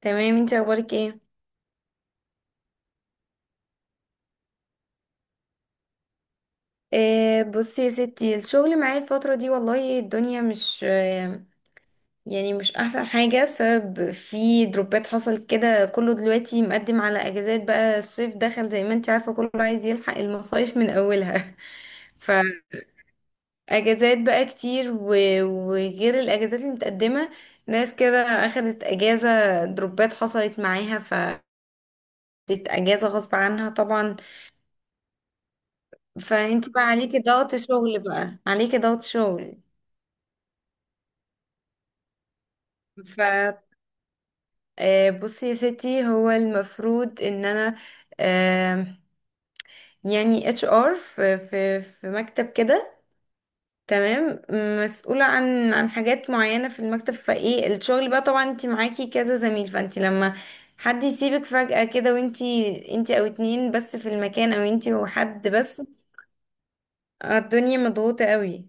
تمام، انتي اخبارك ايه؟ بصي يا ستي، الشغل معايا الفترة دي والله الدنيا مش يعني مش احسن حاجة، بسبب في دروبات حصلت كده. كله دلوقتي مقدم على اجازات، بقى الصيف دخل زي ما انتي عارفة، كله عايز يلحق المصايف من اولها. فاجازات بقى كتير، و- وغير الاجازات اللي متقدمة، ناس كده اخدت اجازة دروبات حصلت معاها ف اجازة غصب عنها طبعا. فانت بقى عليكي ضغط شغل، بقى عليكي ضغط شغل. ف بصي يا ستي، هو المفروض ان انا آه، يعني اتش ار في مكتب كده، تمام. مسؤولة عن حاجات معينة في المكتب، فايه الشغل بقى طبعا. انت معاكي كذا زميل، فانت لما حد يسيبك فجأة كده، وانتي انتي او اتنين بس في المكان، او انتي وحد بس. الدنيا مضغوطة قوي.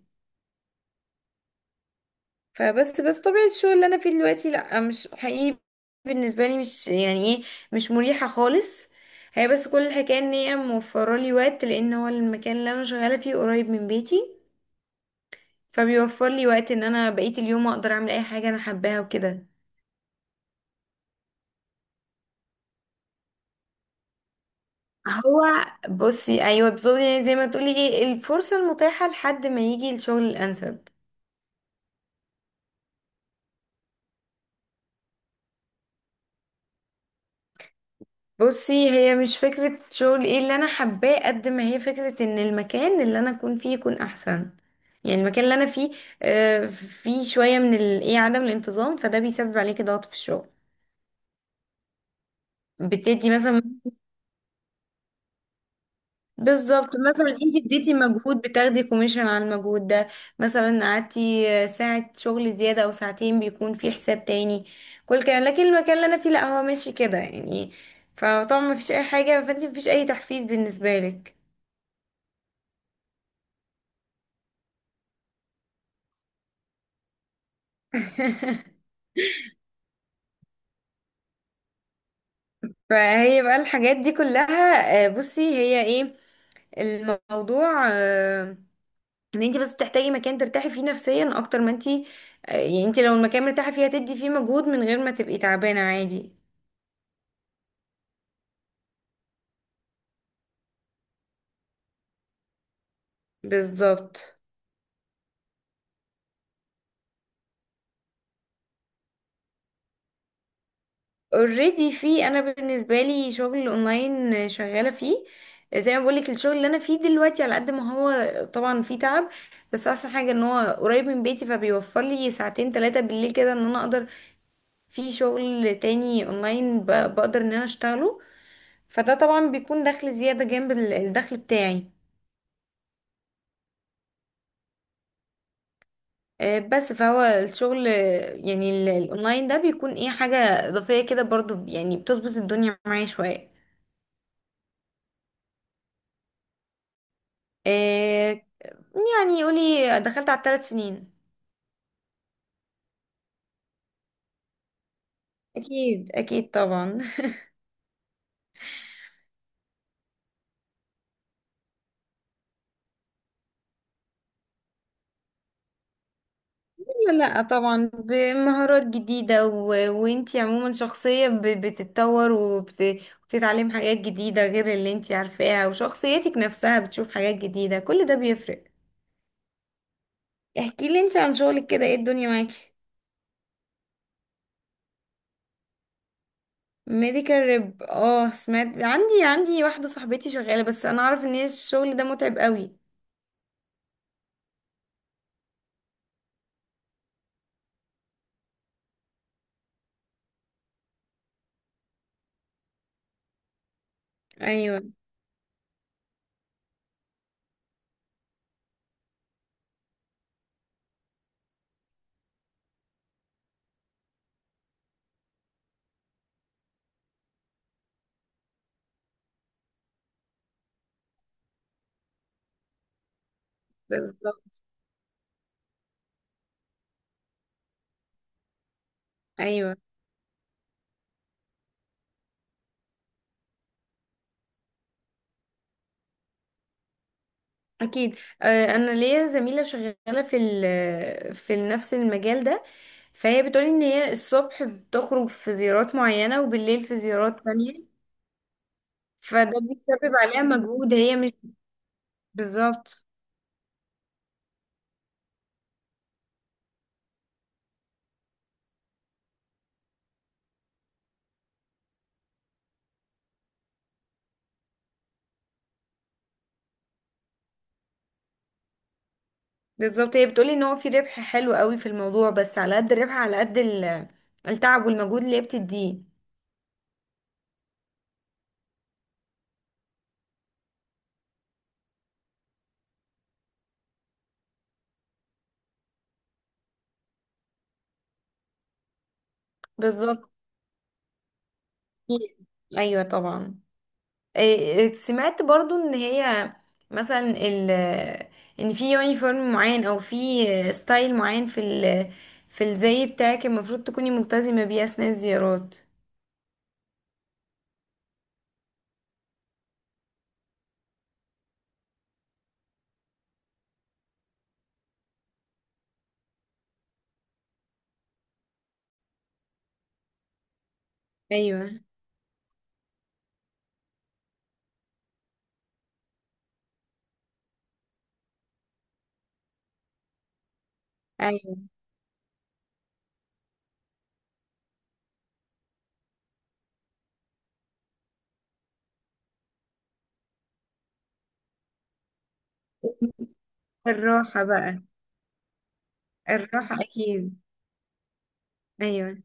فبس طبيعة الشغل اللي انا فيه دلوقتي لا مش حقيقي بالنسبة لي، مش يعني ايه، مش مريحة خالص. هي بس كل الحكاية ان هي موفرة لي وقت، لان هو المكان اللي انا شغالة فيه قريب من بيتي، فبيوفر لي وقت ان انا بقية اليوم اقدر اعمل اي حاجة انا حباها وكده. هو بصي ايوه بالظبط، يعني زي ما تقولي ايه، الفرصة المتاحة لحد ما يجي الشغل الانسب. بصي هي مش فكرة شغل ايه اللي انا حباه، قد ما هي فكرة ان المكان اللي انا اكون فيه يكون احسن. يعني المكان اللي انا فيه فيه شوية من ال- ايه عدم الانتظام، فده بيسبب عليكي ضغط في الشغل. بتدي مثلا، بالظبط مثلا انت اديتي مجهود بتاخدي كوميشن على المجهود ده. مثلا قعدتي ساعة شغل زيادة او ساعتين، بيكون في حساب تاني، كل كده. لكن المكان اللي انا فيه لا، هو ماشي كده يعني. فطبعا مفيش اي حاجة، فانت مفيش اي تحفيز بالنسبة لك. فهي بقى الحاجات دي كلها بصي هي ايه الموضوع ان انت بس بتحتاجي مكان ترتاحي فيه نفسيا، اكتر ما انت يعني انت لو المكان مرتاحه فيه، هتدي فيه مجهود من غير ما تبقي تعبانه عادي. بالظبط. اوريدي، في انا بالنسبه لي شغل اونلاين شغاله فيه. زي ما بقولك الشغل اللي انا فيه دلوقتي، على قد ما هو طبعا فيه تعب، بس احسن حاجه ان هو قريب من بيتي، فبيوفر لي ساعتين ثلاثه بالليل كده ان انا اقدر في شغل تاني اونلاين بقدر ان انا اشتغله. فده طبعا بيكون دخل زيادة جنب الدخل بتاعي. بس فهو الشغل يعني الاونلاين ده بيكون ايه، حاجة اضافية كده برضو، يعني بتظبط الدنيا معايا شوية. آه، يعني قولي دخلت على الثلاث سنين. اكيد طبعا. لا لا طبعا، بمهارات جديدة و... وانتي عموما شخصية ب... بتتطور، وبت... وبتتعلم حاجات جديدة غير اللي انتي عارفاها، وشخصيتك نفسها بتشوف حاجات جديدة، كل ده بيفرق. احكي لي انتي عن شغلك كده، ايه الدنيا معاكي؟ ميديكال ريب، اه سمعت، عندي واحدة صاحبتي شغالة، بس انا اعرف ان هي الشغل ده متعب قوي. ايوه بالظبط. ايوه اكيد. انا ليا زميله شغاله في نفس المجال ده، فهي بتقولي ان هي الصبح بتخرج في زيارات معينه، وبالليل في زيارات تانية، فده بيسبب عليها مجهود هي مش بالظبط. بالظبط، هي بتقولي ان هو في ربح حلو قوي في الموضوع، بس على قد الربح على قد التعب والمجهود اللي هي بتديه. بالظبط. ايوه طبعا. إيه، سمعت برضو ان هي مثلا ال ان في يونيفورم معين، او في ستايل معين في ال في الزي بتاعك المفروض تكوني ملتزمة بيه اثناء الزيارات. ايوه. ايوه. الراحة بقى. الراحة اكيد. ايوه.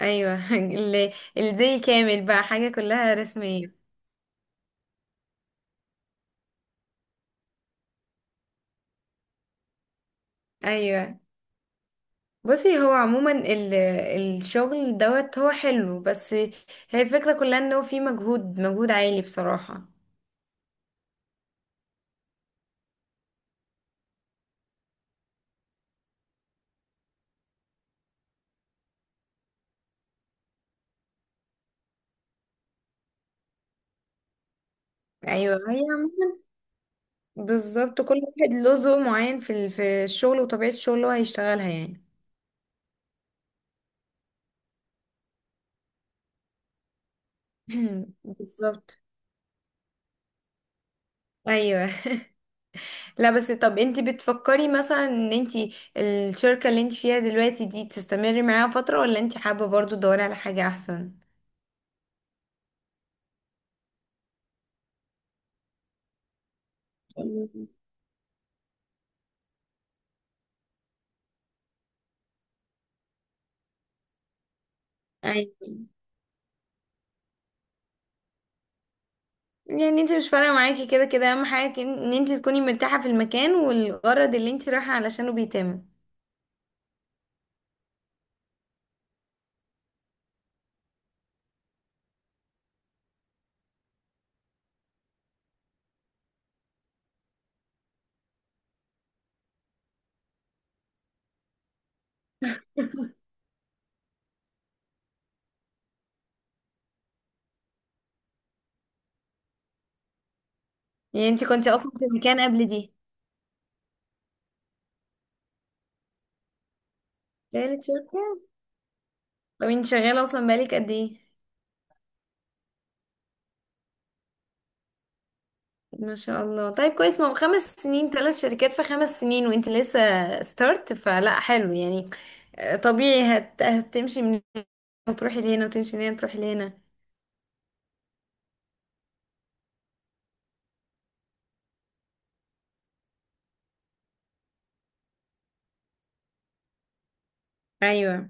ايوه. الزي كامل بقى، حاجة كلها رسمية. ايوه. بصي هو عموما ال الشغل دوت هو حلو، بس هي الفكرة كلها انه في مجهود عالي بصراحة. ايوه هي بالظبط، كل واحد له ذوق معين في الشغل وطبيعة الشغل اللي هو هيشتغلها يعني. بالظبط. ايوه. لا بس، طب انت بتفكري مثلا ان انت الشركة اللي انت فيها دلوقتي دي تستمري معاها فترة، ولا انت حابة برضو تدوري على حاجة احسن؟ مم. ايوه. يعني انت مش فارقة معاكي، كده كده اهم حاجة ان انت تكوني مرتاحة في المكان والغرض اللي انت رايحة علشانه بيتم. يعني انت كنتي اصلا في المكان قبل دي؟ تالت شركة. طب انت شغالة اصلا بقالك قد ايه؟ ما شاء الله، طيب كويس. ما هو خمس سنين، ثلاث شركات في خمس سنين وانت لسه ستارت، فلا حلو يعني. طبيعي هت... هتمشي من هنا وتروحي لهنا، وتمشي من هنا وتروحي لهنا. ايوه.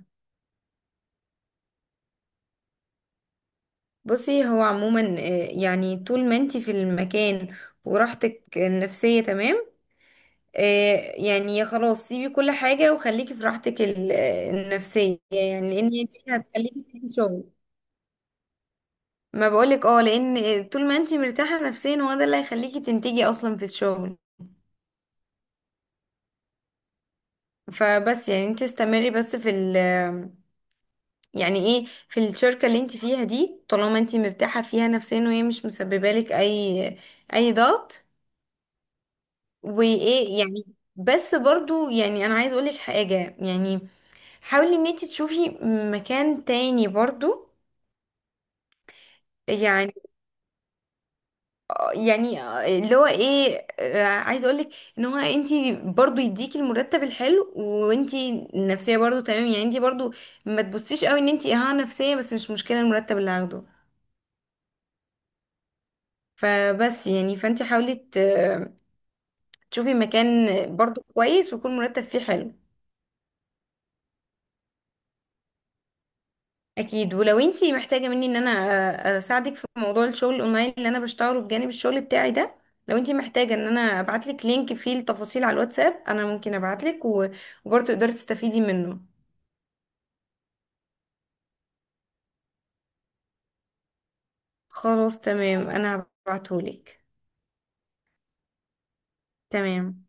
بصي هو عموما يعني طول ما انت في المكان وراحتك النفسية تمام، يعني يا خلاص سيبي كل حاجة وخليكي في راحتك النفسية، يعني لان دي هتخليكي تنتجي شغل. ما بقولك اه، لان طول ما انت مرتاحة نفسيا هو ده اللي هيخليكي تنتجي اصلا في الشغل. فبس يعني انت استمري بس في ال يعني ايه في الشركة اللي انت فيها دي، طالما انت مرتاحة فيها نفسيا، وهي مش مسببة لك اي اي ضغط. وايه يعني، بس برضو يعني انا عايز اقولك حاجة، يعني حاولي ان انت تشوفي مكان تاني برضو. يعني يعني اللي هو ايه، عايزه اقولك ان هو انتي برضو يديكي المرتب الحلو، وانتي النفسيه برضو تمام، يعني انتي برضو ما تبصيش قوي ان انتي اه نفسيه بس، مش مشكله المرتب اللي هاخده. فبس يعني فانتي حاولي تشوفي مكان برضو كويس، ويكون مرتب فيه حلو. اكيد، ولو انتي محتاجه مني ان انا اساعدك في موضوع الشغل الاونلاين اللي انا بشتغله بجانب الشغل بتاعي ده. لو انتي محتاجه ان انا ابعتلك لينك فيه التفاصيل على الواتساب انا ممكن ابعتلك وبرضه تقدري تستفيدي منه. خلاص تمام، انا هبعتهولك. تمام.